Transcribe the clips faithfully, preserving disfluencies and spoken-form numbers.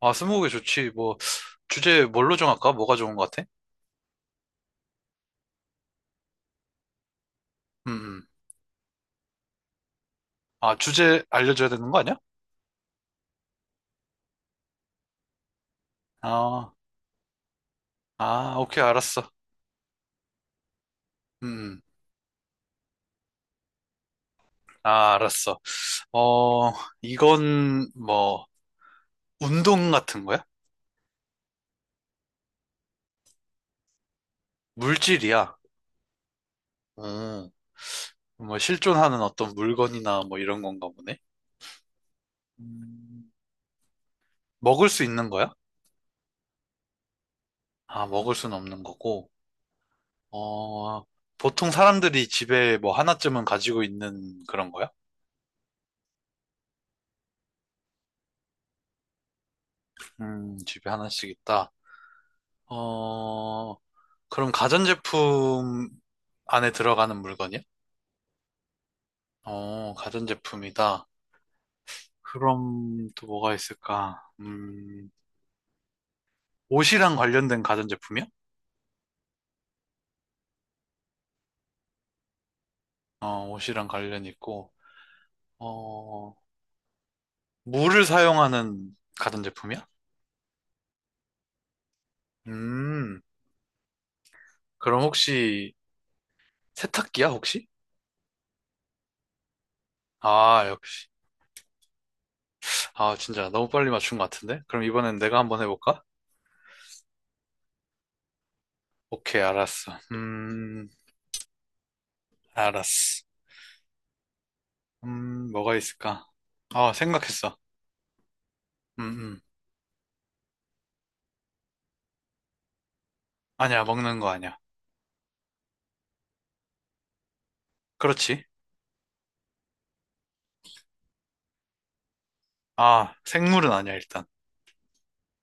아, 스무고개 좋지. 뭐, 주제 뭘로 정할까? 뭐가 좋은 것 같아? 음, 음. 아, 주제 알려줘야 되는 거 아니야? 아, 아, 오케이, 알았어. 음, 음. 아, 알았어. 어, 이건 뭐, 운동 같은 거야? 물질이야. 음, 뭐, 실존하는 어떤 물건이나 뭐 이런 건가 보네. 음, 먹을 수 있는 거야? 아, 먹을 수는 없는 거고. 어, 보통 사람들이 집에 뭐 하나쯤은 가지고 있는 그런 거야? 음, 집에 하나씩 있다. 어, 그럼 가전제품 안에 들어가는 물건이야? 어, 가전제품이다. 그럼 또 뭐가 있을까? 음, 옷이랑 관련된 가전제품이야? 어, 옷이랑 관련 있고, 어, 물을 사용하는 가전제품이야? 음, 그럼 혹시 세탁기야, 혹시? 아, 역- 아, 진짜 너무 빨리 맞춘 것 같은데? 그럼 이번엔 내가 한번 해볼까? 오케이, 알았어. 음, 알았어. 음, 뭐가 있을까? 아, 생각했어. 음, 음. 아니야, 먹는 거 아니야. 그렇지. 아, 생물은 아니야, 일단.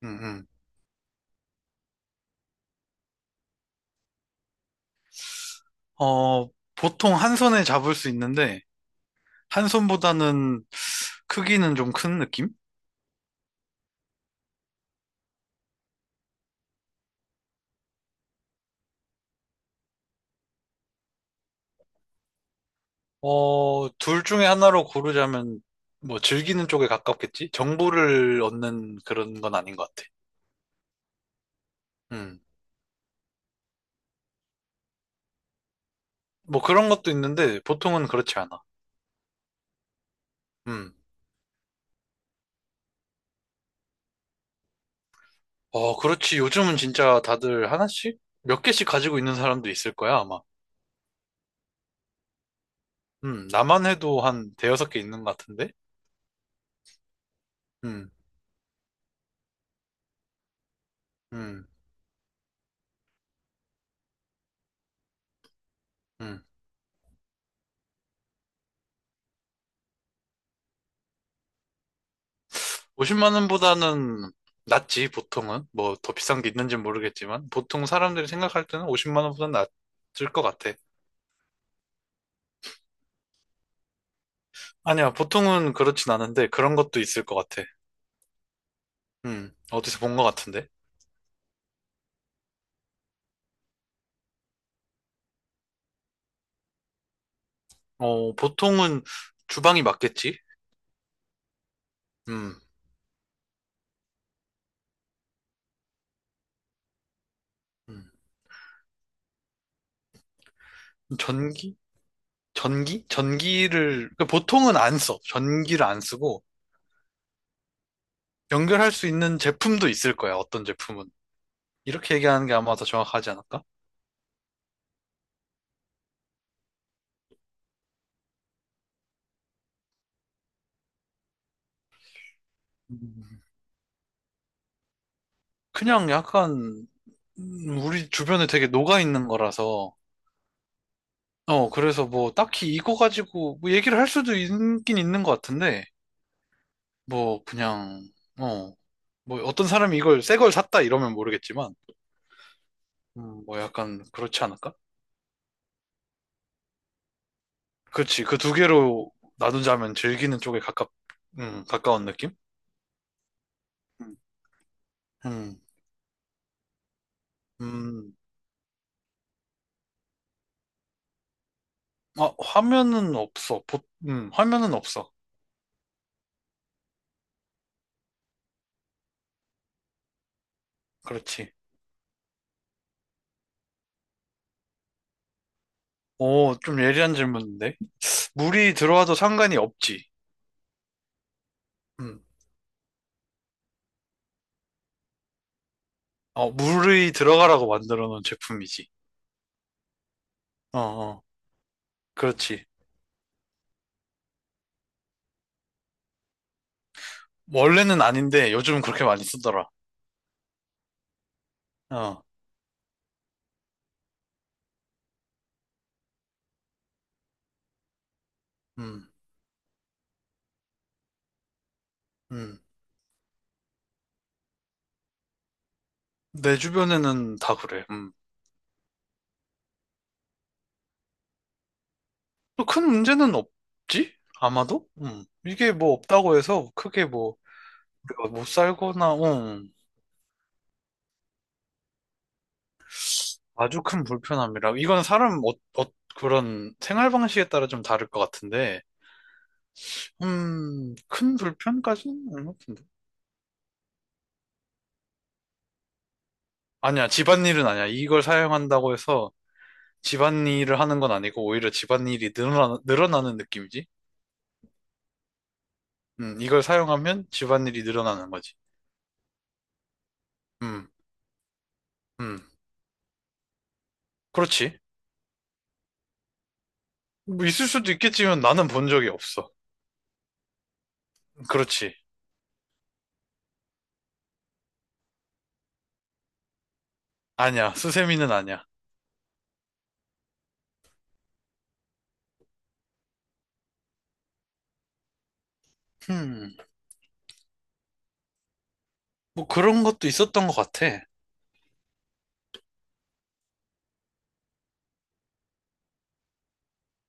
음, 음. 어, 보통 한 손에 잡을 수 있는데, 한 손보다는 크기는 좀 큰 느낌? 어, 둘 중에 하나로 고르자면, 뭐, 즐기는 쪽에 가깝겠지? 정보를 얻는 그런 건 아닌 것 같아. 음. 뭐 그런 것도 있는데, 보통은 그렇지 않아. 음. 어, 그렇지. 요즘은 진짜 다들 하나씩? 몇 개씩 가지고 있는 사람도 있을 거야, 아마. 음, 나만 해도 한 대여섯 개 있는 것 같은데? 음, 음, 음. 오십만 원보다는 낫지, 보통은. 뭐, 더 비싼 게 있는지는 모르겠지만, 보통 사람들이 생각할 때는 오십만 원보다는 낫을 것 같아. 아니야, 보통은 그렇진 않은데, 그런 것도 있을 것 같아. 음, 어디서 본 것 같은데? 어, 보통은 주방이 맞겠지? 음, 음. 전기? 전기? 전기를, 그러니까 보통은 안 써. 전기를 안 쓰고, 연결할 수 있는 제품도 있을 거야, 어떤 제품은. 이렇게 얘기하는 게 아마 더 정확하지 않을까? 음. 그냥 약간 음, 우리 주변에 되게 녹아 있는 거라서 어, 그래서 뭐 딱히 이거 가지고 뭐 얘기를 할 수도 있긴 있는 것 같은데 뭐 그냥, 어, 뭐 어떤 사람이 이걸 새 걸 샀다 이러면 모르겠지만 음, 뭐 약간 그렇지 않을까? 그치. 그 두 개로 나누자면 즐기는 쪽에 가깝, 음, 가까운 느낌? 음. 음, 음. 아, 화면은 없어. 보, 음, 화면은 없어. 그렇지. 오, 좀 예리한 질문인데. 물이 들어와도 상관이 없지. 음. 어, 물이 들어가라고 만들어 놓은 제품이지. 어, 어. 그렇지. 원래는 아닌데 요즘은 그렇게 많이 쓰더라. 어, 음, 음. 내 주변에는 다 그래. 음. 또큰 문제는 없지? 아마도? 음. 이게 뭐 없다고 해서 크게 뭐 그거 못 살거나, 어, 아주 큰 불편함이라. 이건 사람, 어, 어, 그런 생활 방식에 따라 좀 다를 것 같은데, 음, 큰 불편까지는 아닌 것 같은데. 아니야, 집안일은 아니야. 이걸 사용한다고 해서 집안일을 하는 건 아니고, 오히려 집안일이 늘어나, 늘어나는 느낌이지. 음, 이걸 사용하면 집안일이 늘어나는 거지. 음, 음. 그렇지. 뭐 있을 수도 있겠지만 나는 본 적이 없어. 그렇지. 아니야, 수세미는 아니야. 음, 뭐 그런 것도 있었던 것 같아.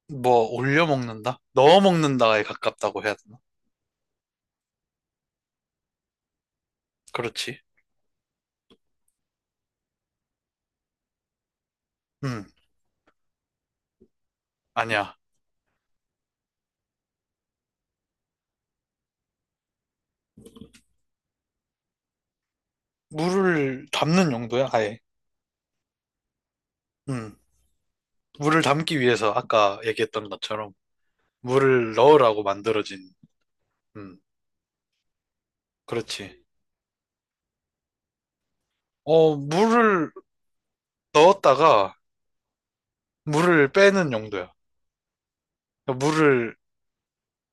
뭐 올려 먹는다? 넣어 먹는다에 가깝다고 해야 되나? 그렇지. 음, 아니야. 물을 담는 용도야, 아예. 음, 물을 담기 위해서 아까 얘기했던 것처럼 물을 넣으라고 만들어진, 음, 그렇지. 어, 물을 넣었다가 물을 빼는 용도야. 물을,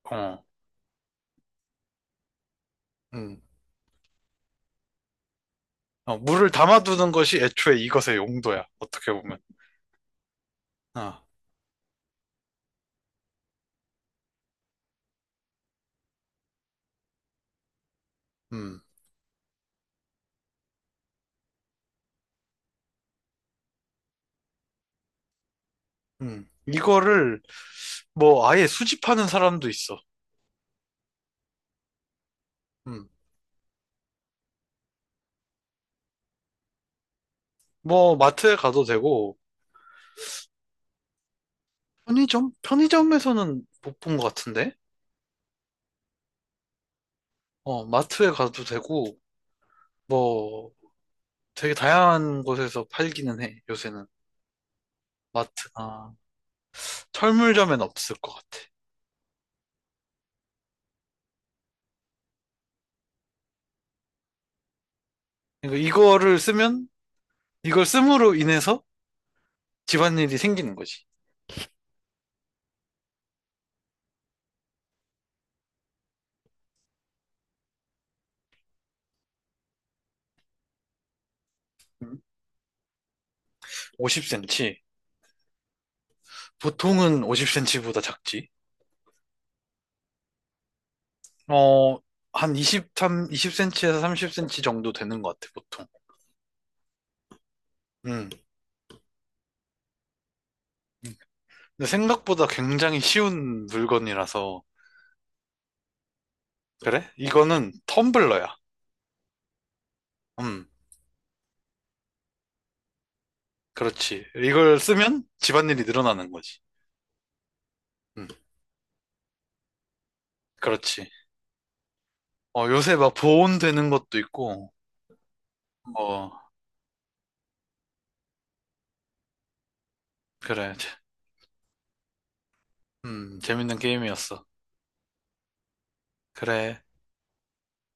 어, 음, 어, 물을 담아두는 것이 애초에 이것의 용도야, 어떻게 보면. 아, 음, 음. 이거를 뭐 아예 수집하는 사람도 있어. 음, 뭐 마트에 가도 되고 편의점? 편의점에서는 못 본 것 같은데? 어, 마트에 가도 되고 뭐 되게 다양한 곳에서 팔기는 해, 요새는. 마트나 철물점엔 없을 것 같아. 그러니까 이거를 쓰면 이걸 씀으로 인해서 집안일이 생기는 거지. 음, 오십 센티미터. 보통은 오십 센티미터보다 작지. 어, 한 이십삼, 이십 센티미터에서 삼십 센티미터 정도 되는 것 같아, 보통. 음. 근데 생각보다 굉장히 쉬운 물건이라서 그래? 이거는 텀블러야. 음, 그렇지. 이걸 쓰면 집안일이 늘어나는 거지. 음, 그렇지. 어, 요새 막 보온되는 것도 있고, 어, 그래. 제- 음, 재밌는 게임이었어. 그래.